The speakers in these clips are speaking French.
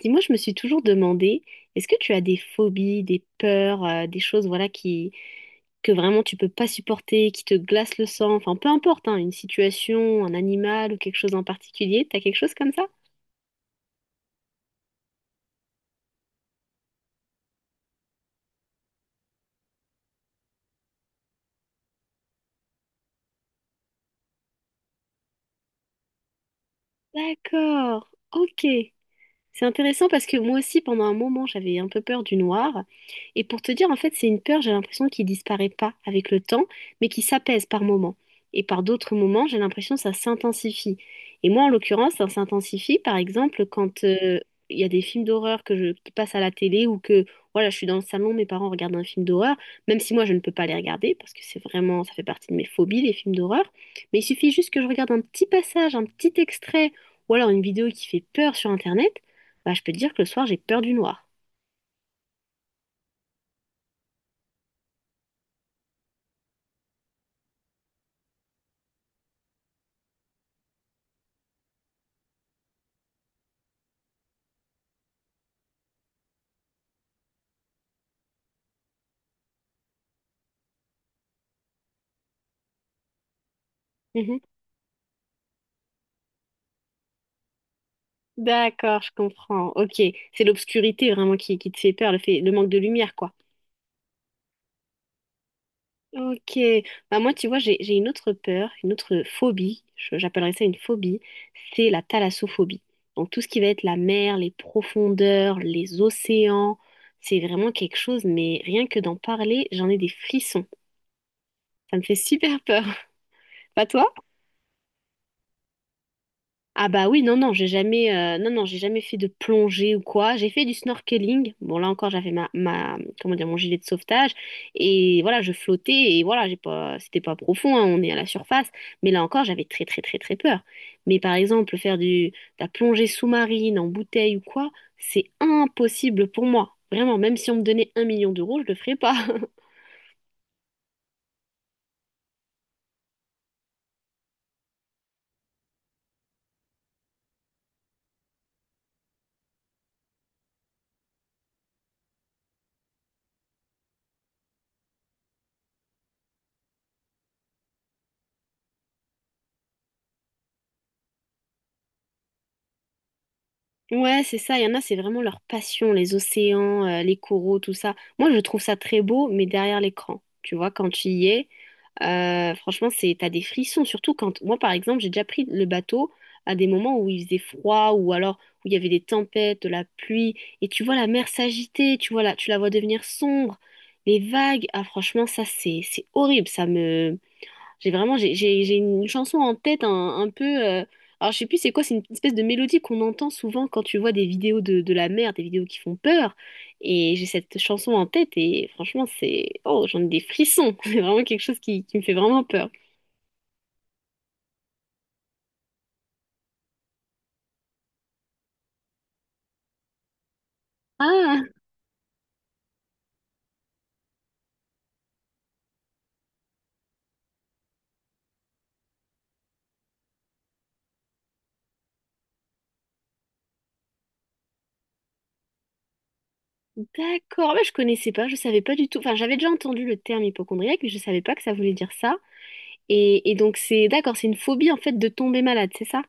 Dis-moi, je me suis toujours demandé, est-ce que tu as des phobies, des peurs, des choses voilà qui que vraiment tu peux pas supporter, qui te glacent le sang, enfin peu importe, hein, une situation, un animal ou quelque chose en particulier, t'as quelque chose comme ça? D'accord, ok. C'est intéressant parce que moi aussi, pendant un moment, j'avais un peu peur du noir. Et pour te dire, en fait, c'est une peur, j'ai l'impression, qui disparaît pas avec le temps, mais qui s'apaise par moments. Et par d'autres moments, j'ai l'impression que ça s'intensifie. Et moi, en l'occurrence, ça s'intensifie, par exemple, quand il y a des films d'horreur qui passent à la télé ou que, voilà, je suis dans le salon, mes parents regardent un film d'horreur, même si moi, je ne peux pas les regarder parce que c'est vraiment, ça fait partie de mes phobies, les films d'horreur. Mais il suffit juste que je regarde un petit passage, un petit extrait ou alors une vidéo qui fait peur sur Internet, bah, je peux te dire que le soir, j'ai peur du noir. Mhm. D'accord, je comprends. Ok, c'est l'obscurité vraiment qui te fait peur, le manque de lumière, quoi. Ok, bah moi tu vois j'ai une autre peur, une autre phobie, j'appellerais ça une phobie, c'est la thalassophobie. Donc tout ce qui va être la mer, les profondeurs, les océans, c'est vraiment quelque chose, mais rien que d'en parler, j'en ai des frissons. Ça me fait super peur. Pas toi? Ah bah oui, non, non, j'ai jamais, non, non, j'ai jamais fait de plongée ou quoi. J'ai fait du snorkeling. Bon, là encore, j'avais comment dire, mon gilet de sauvetage. Et voilà, je flottais et voilà, j'ai pas, c'était pas profond, hein, on est à la surface. Mais là encore, j'avais très, très, très, très peur. Mais par exemple, faire de la plongée sous-marine en bouteille ou quoi, c'est impossible pour moi. Vraiment, même si on me donnait 1 million d'euros, je le ferais pas. Ouais, c'est ça. Il y en a, c'est vraiment leur passion, les océans, les coraux, tout ça. Moi, je trouve ça très beau, mais derrière l'écran, tu vois, quand tu y es, franchement, t'as des frissons. Surtout quand, moi, par exemple, j'ai déjà pris le bateau à des moments où il faisait froid ou alors où il y avait des tempêtes, de la pluie, et tu vois la mer s'agiter, tu vois là, tu la vois devenir sombre, les vagues. Ah, franchement, ça, c'est horrible. Ça me j'ai vraiment j'ai une chanson en tête, un peu alors je sais plus c'est quoi, c'est une espèce de mélodie qu'on entend souvent quand tu vois des vidéos de la mer, des vidéos qui font peur, et j'ai cette chanson en tête et franchement c'est oh, j'en ai des frissons. C'est vraiment quelque chose qui me fait vraiment peur. Ah, d'accord. Ouais, je savais pas du tout, enfin j'avais déjà entendu le terme hypocondriaque mais je savais pas que ça voulait dire ça. Et donc c'est, d'accord, c'est une phobie en fait de tomber malade, c'est ça?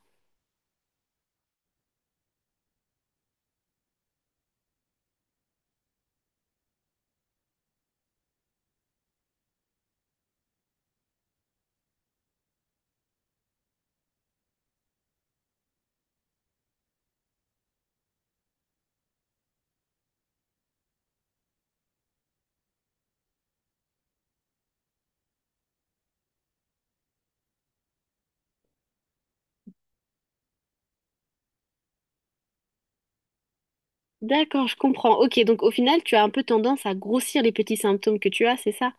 D'accord, je comprends. Ok, donc au final, tu as un peu tendance à grossir les petits symptômes que tu as, c'est ça?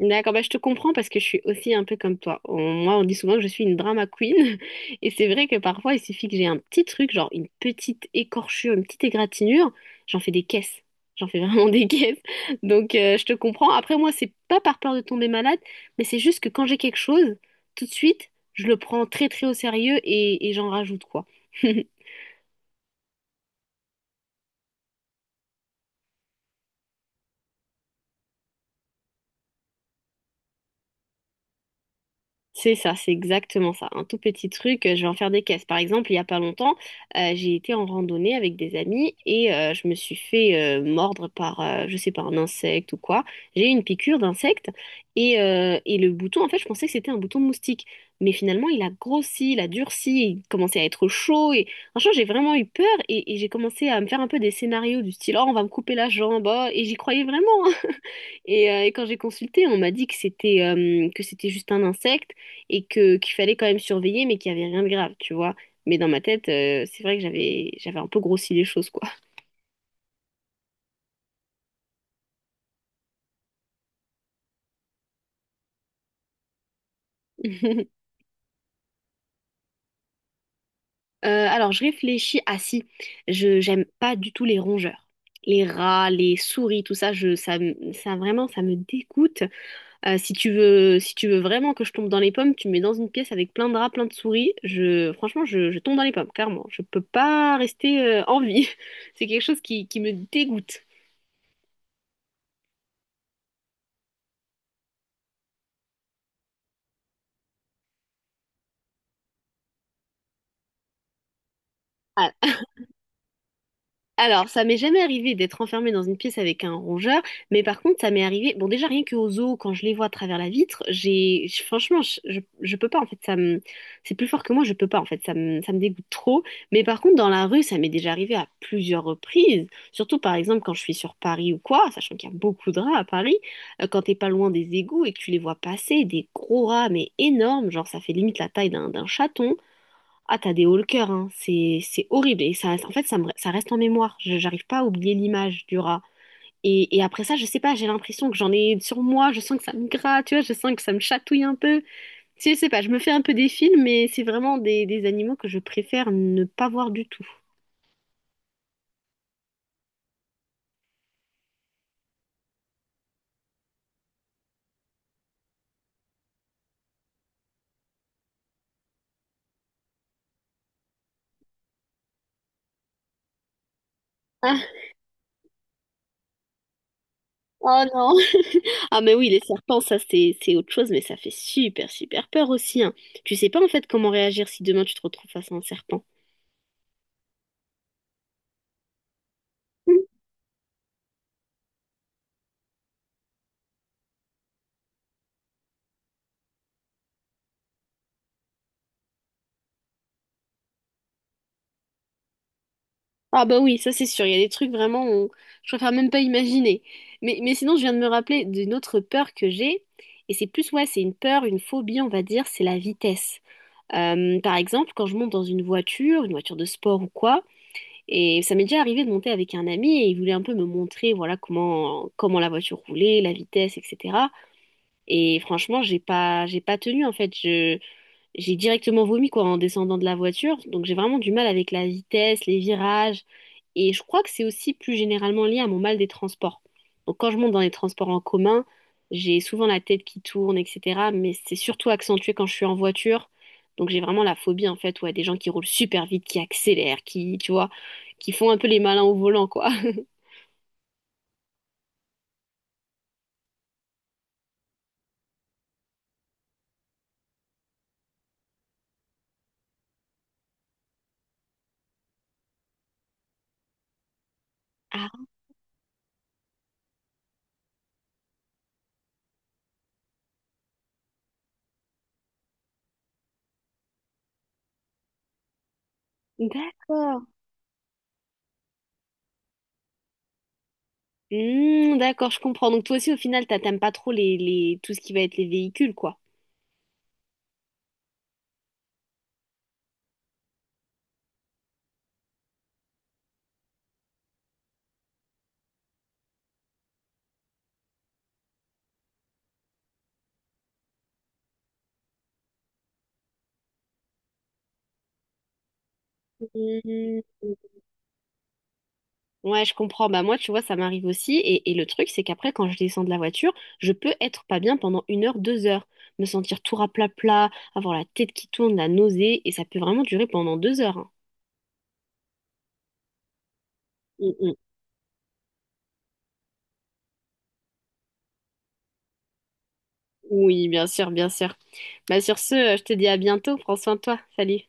D'accord, bah, je te comprends parce que je suis aussi un peu comme toi. Moi, on dit souvent que je suis une drama queen. Et c'est vrai que parfois, il suffit que j'ai un petit truc, genre une petite écorchure, une petite égratignure, j'en fais des caisses. J'en fais vraiment des caisses. Donc, je te comprends. Après, moi, c'est pas par peur de tomber malade, mais c'est juste que quand j'ai quelque chose, tout de suite, je le prends très, très au sérieux et j'en rajoute, quoi. C'est ça, c'est exactement ça. Un tout petit truc, je vais en faire des caisses. Par exemple, il n'y a pas longtemps, j'ai été en randonnée avec des amis et je me suis fait mordre par, je sais pas, un insecte ou quoi. J'ai eu une piqûre d'insecte et le bouton, en fait, je pensais que c'était un bouton de moustique. Mais finalement, il a grossi, il a durci, il commençait à être chaud et franchement, j'ai vraiment eu peur et j'ai commencé à me faire un peu des scénarios du style, oh, on va me couper la jambe, oh, et j'y croyais vraiment, hein. Et quand j'ai consulté, on m'a dit que c'était juste un insecte et que qu'il fallait quand même surveiller, mais qu'il n'y avait rien de grave, tu vois. Mais dans ma tête, c'est vrai que j'avais un peu grossi les choses, quoi. Alors je réfléchis. Ah si, je j'aime pas du tout les rongeurs, les rats, les souris, tout ça. Ça vraiment, ça me dégoûte. Si tu veux vraiment que je tombe dans les pommes, tu me mets dans une pièce avec plein de rats, plein de souris. Franchement, je tombe dans les pommes, clairement. Je peux pas rester en vie. C'est quelque chose qui me dégoûte. Ah, alors, ça m'est jamais arrivé d'être enfermée dans une pièce avec un rongeur, mais par contre, ça m'est arrivé. Bon, déjà rien que aux zoo, quand je les vois à travers la vitre, franchement, je peux pas en fait. C'est plus fort que moi, je peux pas en fait. Ça me dégoûte trop. Mais par contre, dans la rue, ça m'est déjà arrivé à plusieurs reprises. Surtout par exemple quand je suis sur Paris ou quoi, sachant qu'il y a beaucoup de rats à Paris. Quand t'es pas loin des égouts et que tu les vois passer, des gros rats mais énormes, genre ça fait limite la taille d'un chaton. Ah, t'as des hauts le cœur, hein. C'est horrible. Et ça, en fait, ça reste en mémoire. J'arrive pas à oublier l'image du rat. Et après ça, je sais pas, j'ai l'impression que j'en ai sur moi. Je sens que ça me gratte, tu vois. Je sens que ça me chatouille un peu. Tu sais, je sais pas, je me fais un peu des films, mais c'est vraiment des animaux que je préfère ne pas voir du tout. Ah, oh non. Ah, mais oui, les serpents, ça, c'est autre chose, mais ça fait super, super peur aussi, hein. Tu sais pas, en fait, comment réagir si demain tu te retrouves face à un serpent. Ah bah oui, ça c'est sûr, il y a des trucs vraiment, on... je préfère même pas imaginer. Mais sinon, je viens de me rappeler d'une autre peur que j'ai, et c'est plus, ouais, c'est une peur, une phobie, on va dire, c'est la vitesse. Par exemple, quand je monte dans une voiture de sport ou quoi, et ça m'est déjà arrivé de monter avec un ami, et il voulait un peu me montrer, voilà, comment la voiture roulait, la vitesse, etc. Et franchement, j'ai pas tenu, en fait, je... J'ai directement vomi quoi en descendant de la voiture, donc j'ai vraiment du mal avec la vitesse, les virages. Et je crois que c'est aussi plus généralement lié à mon mal des transports. Donc quand je monte dans les transports en commun, j'ai souvent la tête qui tourne, etc. Mais c'est surtout accentué quand je suis en voiture. Donc j'ai vraiment la phobie en fait, ouais, des gens qui roulent super vite, qui accélèrent, qui, tu vois, qui font un peu les malins au volant, quoi. Ah, d'accord. Hmm, d'accord, je comprends. Donc toi aussi, au final, t'aimes pas trop tout ce qui va être les véhicules, quoi. Hmm, ouais, je comprends. Bah moi, tu vois, ça m'arrive aussi. Et le truc, c'est qu'après, quand je descends de la voiture, je peux être pas bien pendant 1 heure, 2 heures, me sentir tout raplapla, avoir la tête qui tourne, la nausée, et ça peut vraiment durer pendant 2 heures, hein. Mm, mm. Oui, bien sûr, bien sûr. Bah sur ce, je te dis à bientôt. Prends soin de toi. Salut.